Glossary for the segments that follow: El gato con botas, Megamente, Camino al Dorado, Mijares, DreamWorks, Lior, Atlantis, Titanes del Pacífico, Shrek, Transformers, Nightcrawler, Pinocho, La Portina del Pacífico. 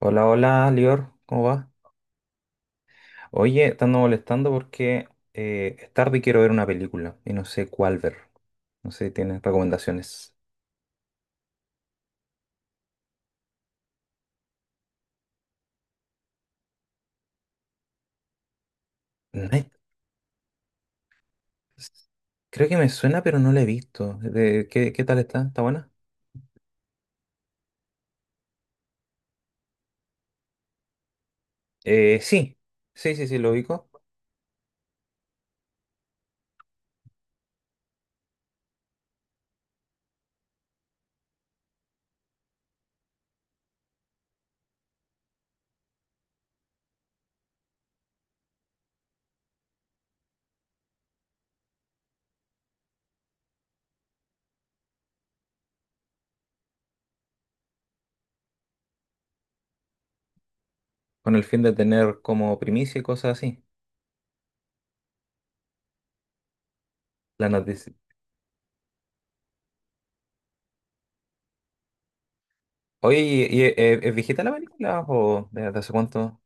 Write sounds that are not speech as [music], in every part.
Hola, hola, Lior, ¿cómo va? Oye, te ando molestando porque es tarde y quiero ver una película y no sé cuál ver. No sé si tienes recomendaciones. Night- Creo que me suena, pero no la he visto. ¿Qué tal está? ¿Está buena? Sí, sí, sí, sí, lo ubico. Con el fin de tener como primicia y cosas así. La noticia. Oye, ¿es viejita la película o de hace cuánto?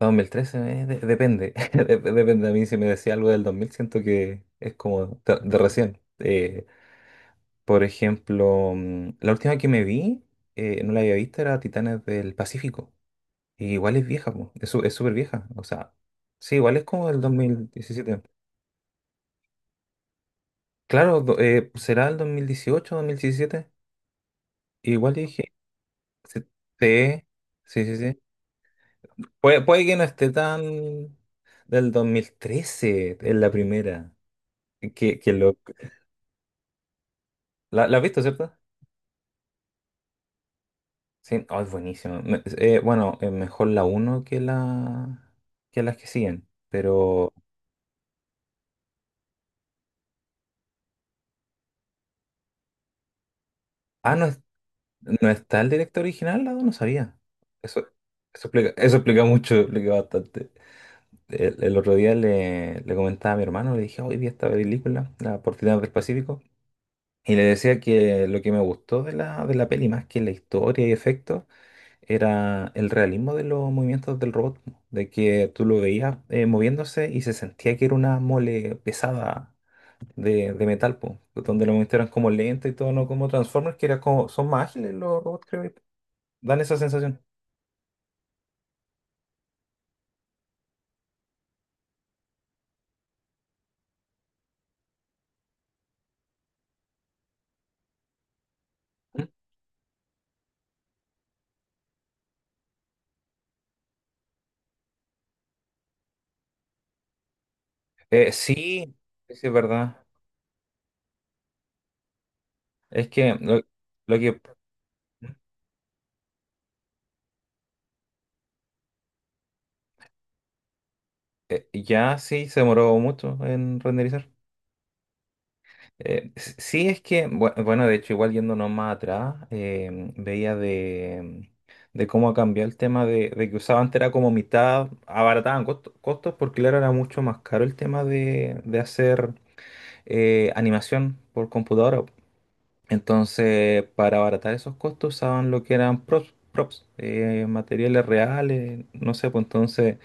2013, depende. [laughs] Depende. A mí, si me decía algo del 2000, siento que es como de, recién. Por ejemplo, la última que me vi, no la había visto, era Titanes del Pacífico. Y igual es vieja, po. Es súper vieja. O sea, sí, igual es como del 2017. Claro, será el 2018, 2017. Igual dije, sí, sí, sí, sí, sí. Puede que no esté tan... del 2013 es la primera. Que lo... La has visto, ¿cierto? Sí, oh, es buenísimo. Bueno, es mejor la uno que la que las que siguen. Pero... Ah, no, no está el director original, no, no sabía. Eso, eso explica mucho, [laughs] explica bastante. El otro día le comentaba a mi hermano, le dije, hoy vi esta película, La Portina del Pacífico. Y le decía que lo que me gustó de la peli, más que la historia y efectos, era el realismo de los movimientos del robot, po, de que tú lo veías moviéndose y se sentía que era una mole pesada de metal, po, donde los movimientos eran como lentos y todo, no como Transformers, que era como, son más ágiles los robots, creo, y dan esa sensación. Sí, sí, sí, es verdad. Es que lo que ya sí se demoró mucho en renderizar. Sí, es que... bueno, de hecho, igual yéndonos más atrás, veía de cómo ha cambiado el tema de que usaban antes era como mitad, abarataban costos porque claro, era mucho más caro el tema de hacer animación por computadora. Entonces, para abaratar esos costos usaban lo que eran props, materiales reales, no sé, pues entonces,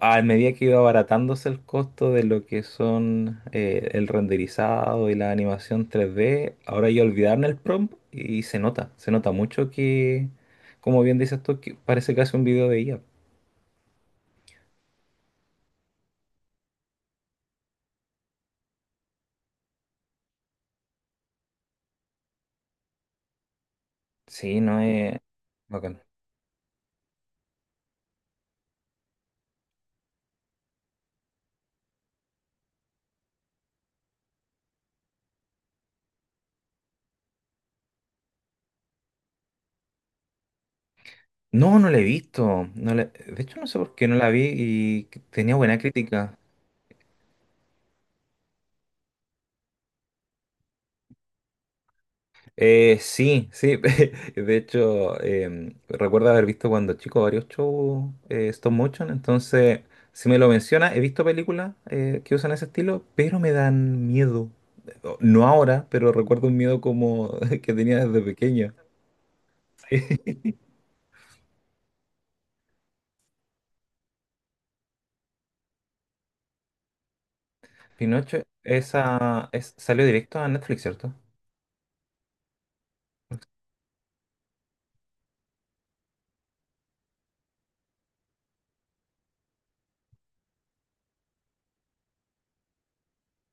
a medida que iba abaratándose el costo de lo que son el renderizado y la animación 3D, ahora ya olvidaron el prompt y se nota mucho que, como bien dices tú, que parece casi un video de IA. Sí, no es... bacán. No, no la he visto. De hecho, no sé por qué no la vi y tenía buena crítica. Sí, sí. [laughs] De hecho, recuerdo haber visto cuando chico varios shows stop motion. Entonces, si me lo menciona, he visto películas que usan ese estilo, pero me dan miedo. No ahora, pero recuerdo un miedo como [laughs] que tenía desde pequeño. Sí. [laughs] Pinocho, salió directo a Netflix, ¿cierto?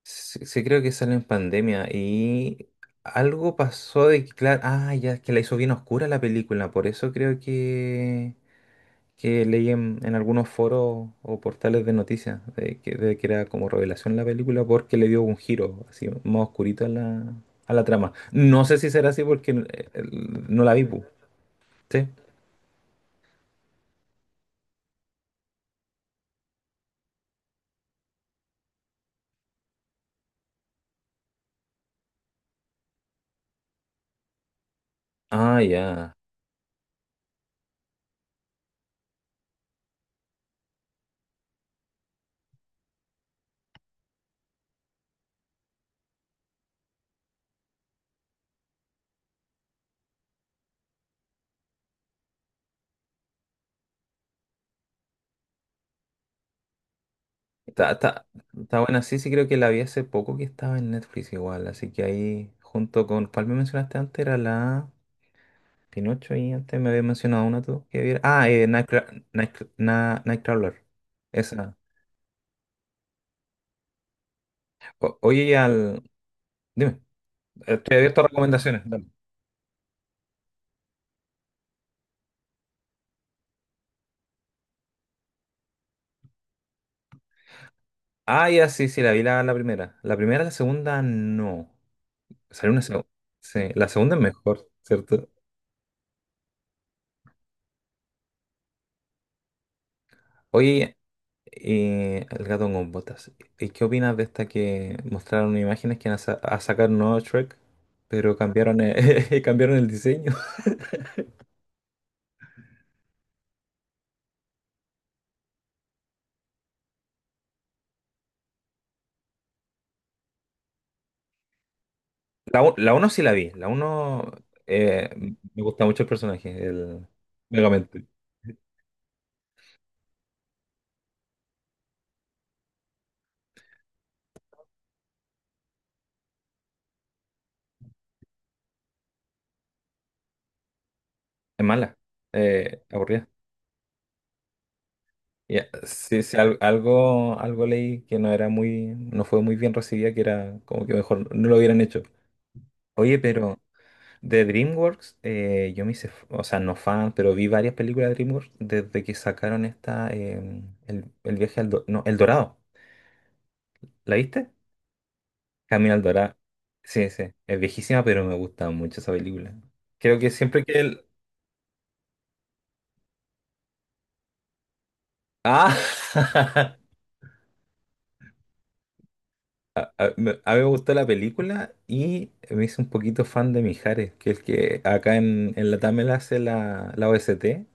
Sí, sí, creo que salió en pandemia y algo pasó de que, claro, ah, ya es que la hizo bien oscura la película, por eso creo que leí en algunos foros o portales de noticias de que, era como revelación la película porque le dio un giro así más oscurito a a la trama. No sé si será así porque no la vi, pu. ¿Sí? Ah, ya. Está, está, Está buena, sí, sí creo que la vi hace poco que estaba en Netflix igual, así que ahí junto con, ¿cuál me mencionaste antes? Era la Pinocho, y antes me había mencionado una tú que viera. Ah, Nightcrawler. Esa. Oye, y al... Dime. Estoy abierto a recomendaciones. Dale. Ah, ya, sí, sí, la vi la primera. La primera, la segunda, no. Salió una segunda. Sí, la segunda es mejor, ¿cierto? Oye, El gato con botas. ¿Y qué opinas de esta que mostraron imágenes que van a sacar un nuevo Shrek, pero cambiaron el, [laughs] cambiaron el diseño? La uno sí la vi. La uno, eh, me gusta mucho el personaje, el Megamente. Es mala, aburrida. Ya, sí, sí, algo leí que no fue muy bien recibida, que era como que mejor no lo hubieran hecho. Oye, pero de DreamWorks, yo me hice, o sea, no fan, pero vi varias películas de DreamWorks desde que sacaron esta, el viaje al, Do- no, El Dorado. ¿La viste? Camino al Dorado. Sí, sí, es viejísima, pero me gusta mucho esa película. Creo que siempre que el... Ah. [laughs] A mí me gustó la película y me hice un poquito fan de Mijares, que es el que acá en Latam él hace la OST.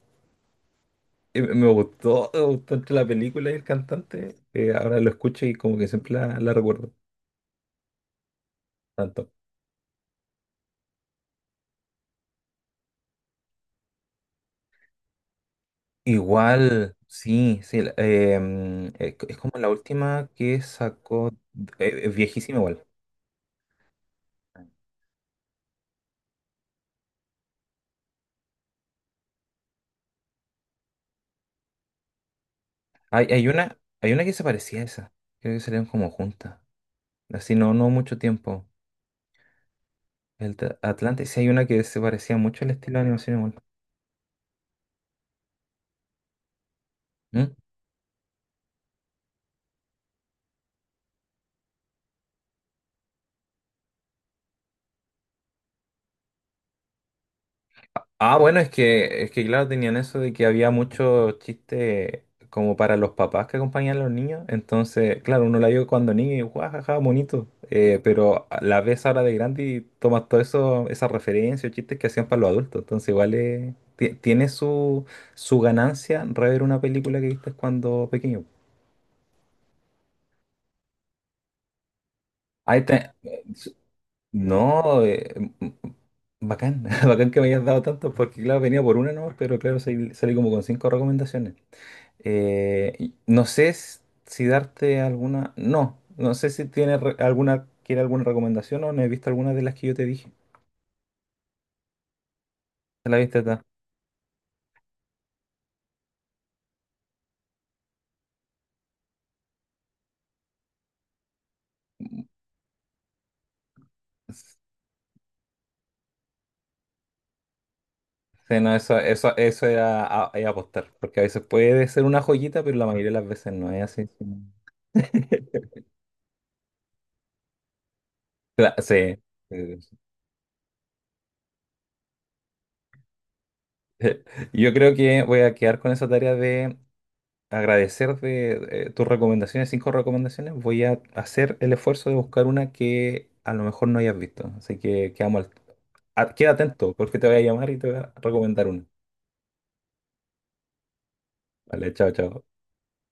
Y me gustó, me gustó entre la película y el cantante. Ahora lo escucho y como que siempre la recuerdo tanto. Igual, sí, sí. Es como la última que sacó, es viejísima igual. Hay una, hay una que se parecía a esa. Creo que salieron como juntas. Así no, no mucho tiempo. Atlantis, sí hay una que se parecía mucho al estilo de animación igual. ¿Mm? Ah, bueno, es que claro, tenían eso de que había mucho chiste como para los papás que acompañan a los niños. Entonces, claro, uno la vio cuando niño y guajaja, bonito. Pero la ves ahora de grande y tomas todo eso, esas referencias, chistes que hacían para los adultos. Entonces, igual tiene su ganancia rever una película que viste cuando pequeño. Ahí te- No, bacán, [laughs] Bacán que me hayas dado tantos, porque claro, venía por una nomás, pero claro, salí como con cinco recomendaciones. Y no sé si darte alguna, no, no sé si tienes alguna, quiere alguna recomendación o no he visto alguna de las que yo te dije. ¿La viste está? Sí, no, eso, eso es apostar, porque a veces puede ser una joyita, pero la mayoría de las veces no es así. [laughs] Sí. Sí, sí. [laughs] Yo creo que voy a quedar con esa tarea, agradecer de tus recomendaciones, cinco recomendaciones. Voy a hacer el esfuerzo de buscar una que a lo mejor no hayas visto. Así que quedamos queda atento porque te voy a llamar y te voy a recomendar una. Vale, chao, chao.